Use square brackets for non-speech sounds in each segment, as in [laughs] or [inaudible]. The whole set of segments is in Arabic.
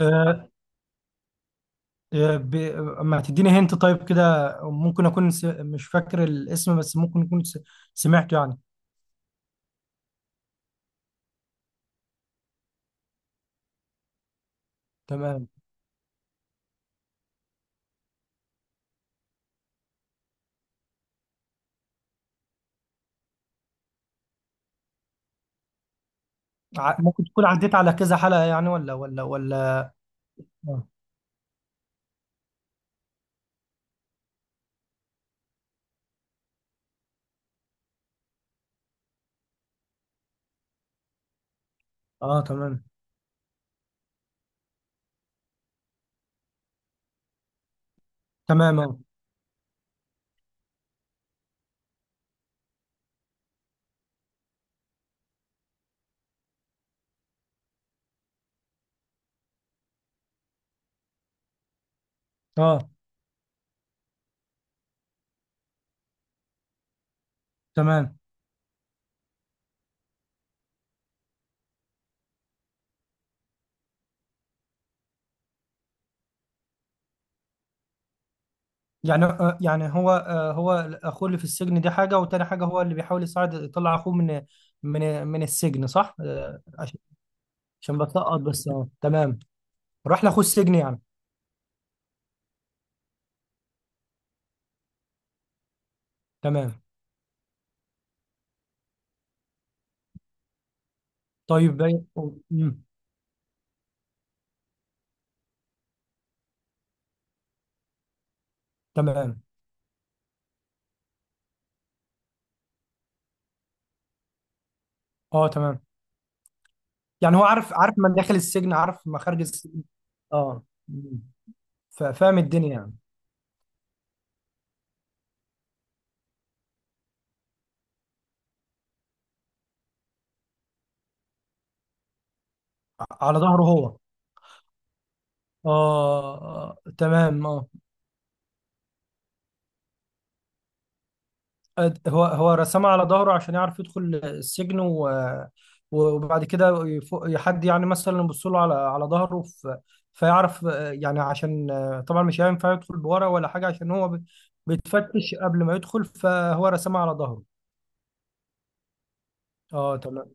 آه، آه، ب... ما تديني هنت طيب كده. مش فاكر الاسم، بس سمعته يعني. تمام. ممكن تكون عديت على كذا حلقة يعني، ولا. اه، آه تمام. تمام اه. اه تمام. يعني يعني هو، اخوه اللي في السجن دي حاجة، وتاني حاجة هو اللي بيحاول يساعد يطلع اخوه من السجن، صح؟ آه عشان بتلقط بس. اه تمام. راح لاخوه السجن يعني. تمام. طيب باي- أمم، تمام اه. تمام. يعني هو عارف من داخل السجن، عارف مخارج السجن. اه، فاهم الدنيا يعني. على ظهره هو. اه آه، تمام اه. هو رسمها على ظهره، عشان يعرف يدخل السجن، و وبعد كده حد يعني مثلا يبص له على ظهره. فيعرف، يعني عشان، طبعا مش هينفع يدخل بورا ولا حاجه، عشان هو بيتفتش قبل ما يدخل، فهو رسمها على ظهره. اه تمام.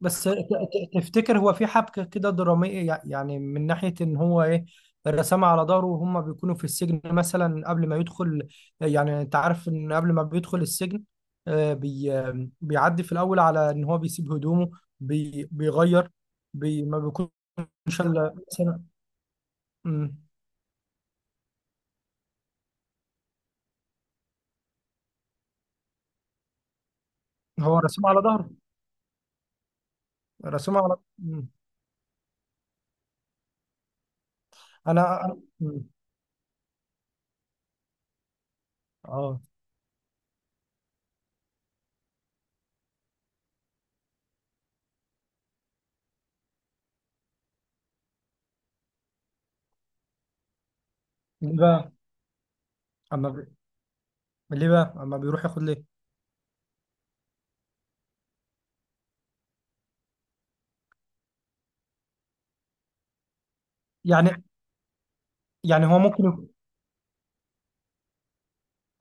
بس تفتكر هو في حبكة كده درامية، يعني من ناحية إن هو إيه، الرسام على ظهره وهم بيكونوا في السجن، مثلا قبل ما يدخل؟ يعني أنت عارف إن قبل ما بيدخل السجن، آه، بي آه، بيعدي في الأول على إن هو بيسيب هدومه، بيغير، ما بيكونش إلا مثلا. مم. هو رسام على ظهره. رسام على. مم. مم. آه ليه بقى؟ أما بي- ليه بقى؟ أما بيروح ياخد ليه؟ يعني. هو ممكن.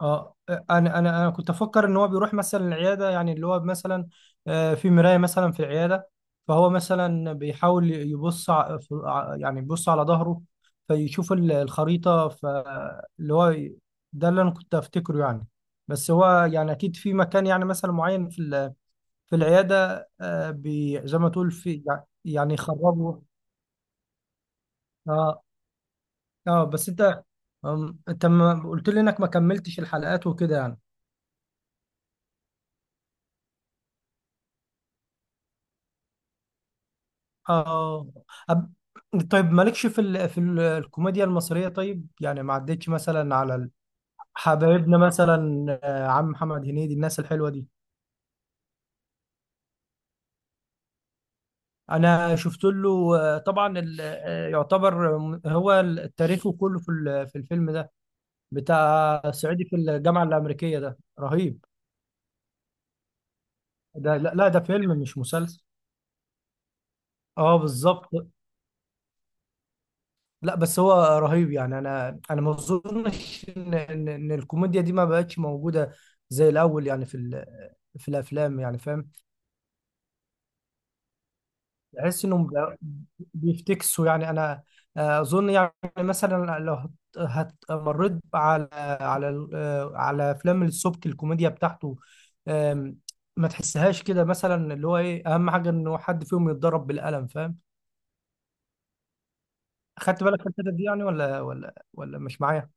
اه، انا كنت افكر ان هو بيروح مثلا العياده، يعني اللي هو مثلا في مرايه مثلا في العياده، فهو مثلا بيحاول يبص يعني يبص على ظهره، فيشوف الخريطه، فاللي هو ده اللي انا كنت افتكره يعني. بس هو، يعني اكيد في مكان يعني مثلا معين في في العياده، بي زي ما تقول، في يعني يخرجه. اه. اه، بس انت، انت ما قلت لي انك ما كملتش الحلقات وكده يعني. اه. أب... طيب مالكش في الكوميديا المصرية، طيب؟ يعني ما عدتش مثلا على حبايبنا مثلا، عم محمد هنيدي، الناس الحلوة دي. انا شفت له، طبعا ال... آه، يعتبر، هو تاريخه كله في في الفيلم ده، بتاع صعيدي في الجامعة الأمريكية، ده رهيب. ده لا، لا، ده فيلم مش مسلسل. اه بالظبط. لا، بس هو رهيب يعني. انا ما اظنش ان إن الكوميديا دي ما بقتش موجوده زي الاول يعني، في في الافلام يعني، فاهم؟ بحس انهم بيفتكسوا يعني. انا اظن يعني، مثلا لو مريت على على افلام السبكي، الكوميديا بتاعته، آم، ما تحسهاش كده مثلا؟ اللي هو ايه؟ اهم حاجه انه حد فيهم يتضرب بالقلم، فاهم؟ خدت بالك من الحتة دي يعني، ولا مش معايا؟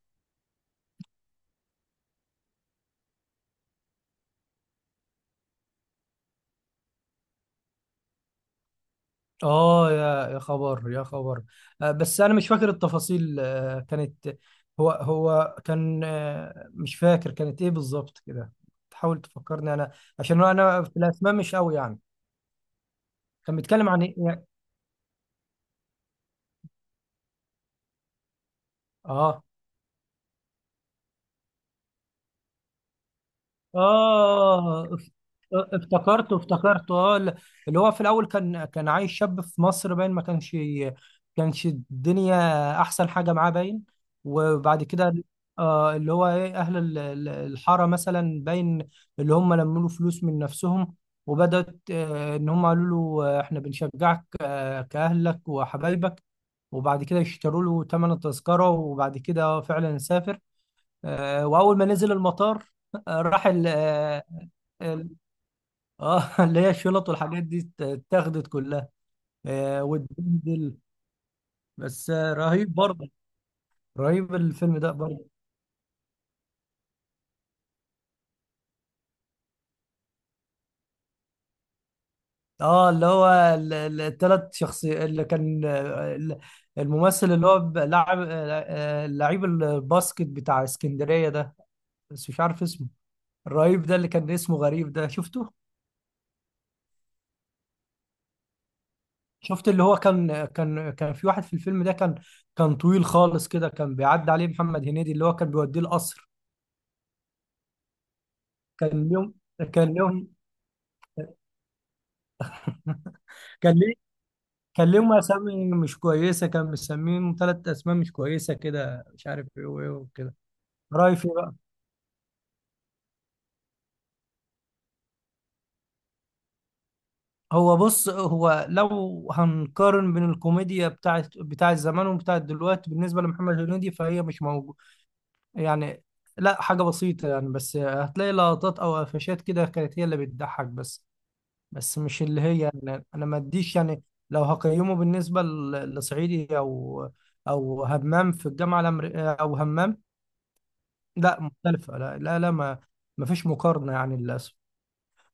اه، يا خبر، يا خبر. بس انا مش فاكر التفاصيل، كانت، هو كان، مش فاكر كانت ايه بالظبط كده. تحاول تفكرني انا، عشان انا في الاسماء مش قوي يعني. كان بيتكلم عن ايه؟ اه اه. افتكرته، افتكرته. اه اللي هو في الاول كان عايش شاب في مصر، باين ما كانش، كانش الدنيا احسن حاجه معاه، باين. وبعد كده آه، اللي هو ايه، اهل الحاره مثلا، باين اللي هم لموا له فلوس من نفسهم، وبدات، آه، ان هم قالوا له، آه، احنا بنشجعك، آه كاهلك وحبايبك. وبعد كده يشتروا له ثمن التذكره، وبعد كده فعلا سافر. واول ما نزل المطار، راح ال. اه. ال- [laughs] اللي هي الشنط والحاجات دي اتاخدت كلها. واتبهدل. بس رهيب برضه، رهيب الفيلم ده برضه. اه، اللي هو الثلاث شخصيات اللي كان، الممثل اللي هو لاعب، لعيب الباسكت بتاع اسكندرية ده، بس مش عارف اسمه، الرهيب ده، اللي كان اسمه غريب ده، شفته؟ شفت اللي هو كان في واحد في الفيلم ده كان، كان طويل خالص كده، كان بيعدي عليه محمد هنيدي، اللي هو كان بيوديه القصر. كان ليهم كان ليهم [laughs] كان ليه كان ليهم اسامي مش كويسه، كان مسميهم ثلاث اسماء مش كويسه كده، مش عارف ايه وايه وكده. رايفي بقى. هو بص، هو لو هنقارن بين الكوميديا بتاعت زمان وبتاعت دلوقتي بالنسبه لمحمد هنيدي، فهي مش موجوده يعني، لا حاجه بسيطه يعني. بس هتلاقي لقطات او قفشات كده كانت هي اللي بتضحك بس، بس مش اللي هي يعني، انا ما اديش يعني. لو هقيمه بالنسبه لصعيدي او او همام في الجامعه الامريكيه او همام، لا مختلفه، لا لا لا، ما ما فيش مقارنه يعني للاسف.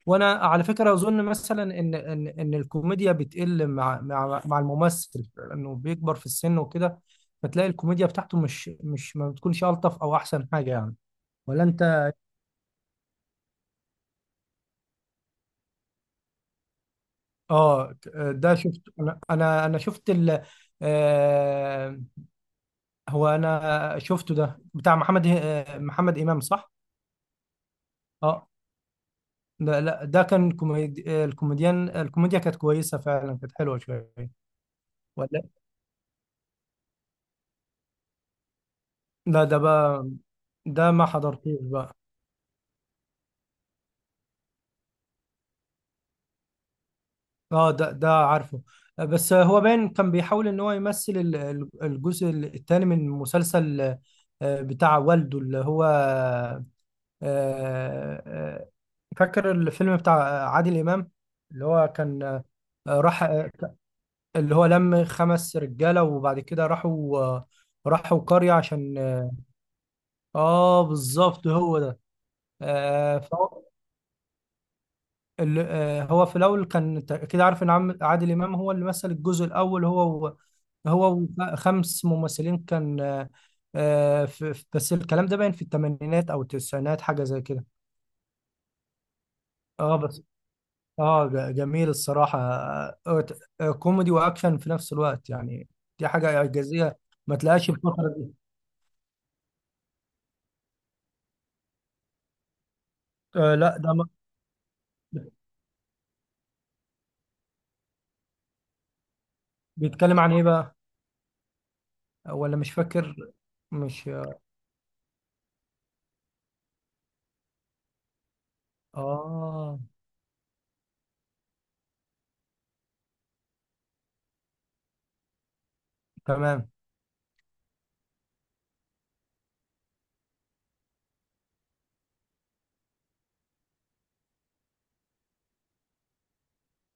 وانا على فكره اظن مثلا ان الكوميديا بتقل مع الممثل، لانه بيكبر في السن وكده، فتلاقي الكوميديا بتاعته مش، ما بتكونش الطف او احسن حاجه يعني. ولا انت؟ اه. ده شفت انا، انا أنا شفت ال. هو انا شفته، ده بتاع محمد، محمد امام، صح؟ اه. ده لا، ده كان كوميدي، الكوميديا كانت كويسه فعلا، كانت حلوه شويه. ولا. لا، ده بقى ده ما حضرتوش بقى. اه، ده عارفه. بس هو باين كان بيحاول ان هو يمثل الجزء الثاني من مسلسل، بتاع والده، اللي هو، آه، فاكر الفيلم بتاع عادل امام، اللي هو كان، راح، اللي هو لم خمس رجاله، وبعد كده راحوا، قريه عشان. اه بالظبط، هو ده. فهو هو في الاول كان، كده عارف ان عادل امام هو اللي مثل الجزء الاول، هو و- هو وخمس ممثلين كان، بس الكلام ده باين في الثمانينات او التسعينات، حاجه زي كده. اه بس. اه جميل الصراحه، كوميدي واكشن في نفس الوقت يعني، دي حاجه اعجازيه. ما تلاقيش الفتره دي. لا، ده بيتكلم عن ايه بقى؟ ولا مش فاكر. مش. اه تمام.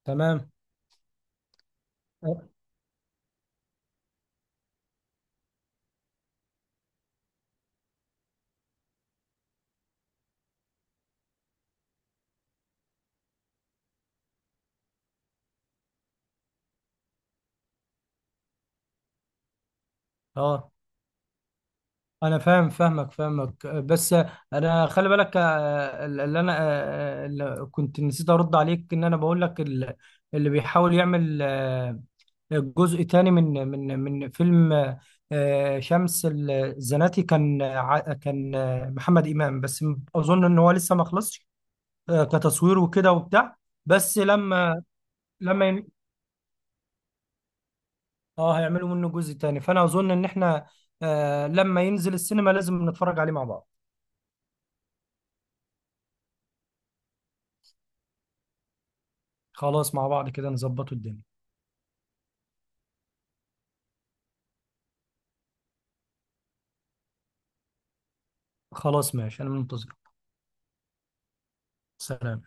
تمام. اه، انا فاهم، فاهمك. بس انا خلي بالك، اللي انا، اللي كنت نسيت ارد عليك، ان انا بقول لك اللي بيحاول يعمل، جزء تاني من فيلم، شمس الزناتي، كان كان، محمد امام بس. اظن ان هو لسه ما خلصش، كتصوير وكده وبتاع. بس لما لما، اه، هيعملوا منه جزء تاني، فانا اظن ان احنا، لما ينزل السينما لازم نتفرج عليه مع بعض. خلاص، مع بعض كده نظبطوا الدنيا. خلاص ماشي، انا منتظرك. سلام.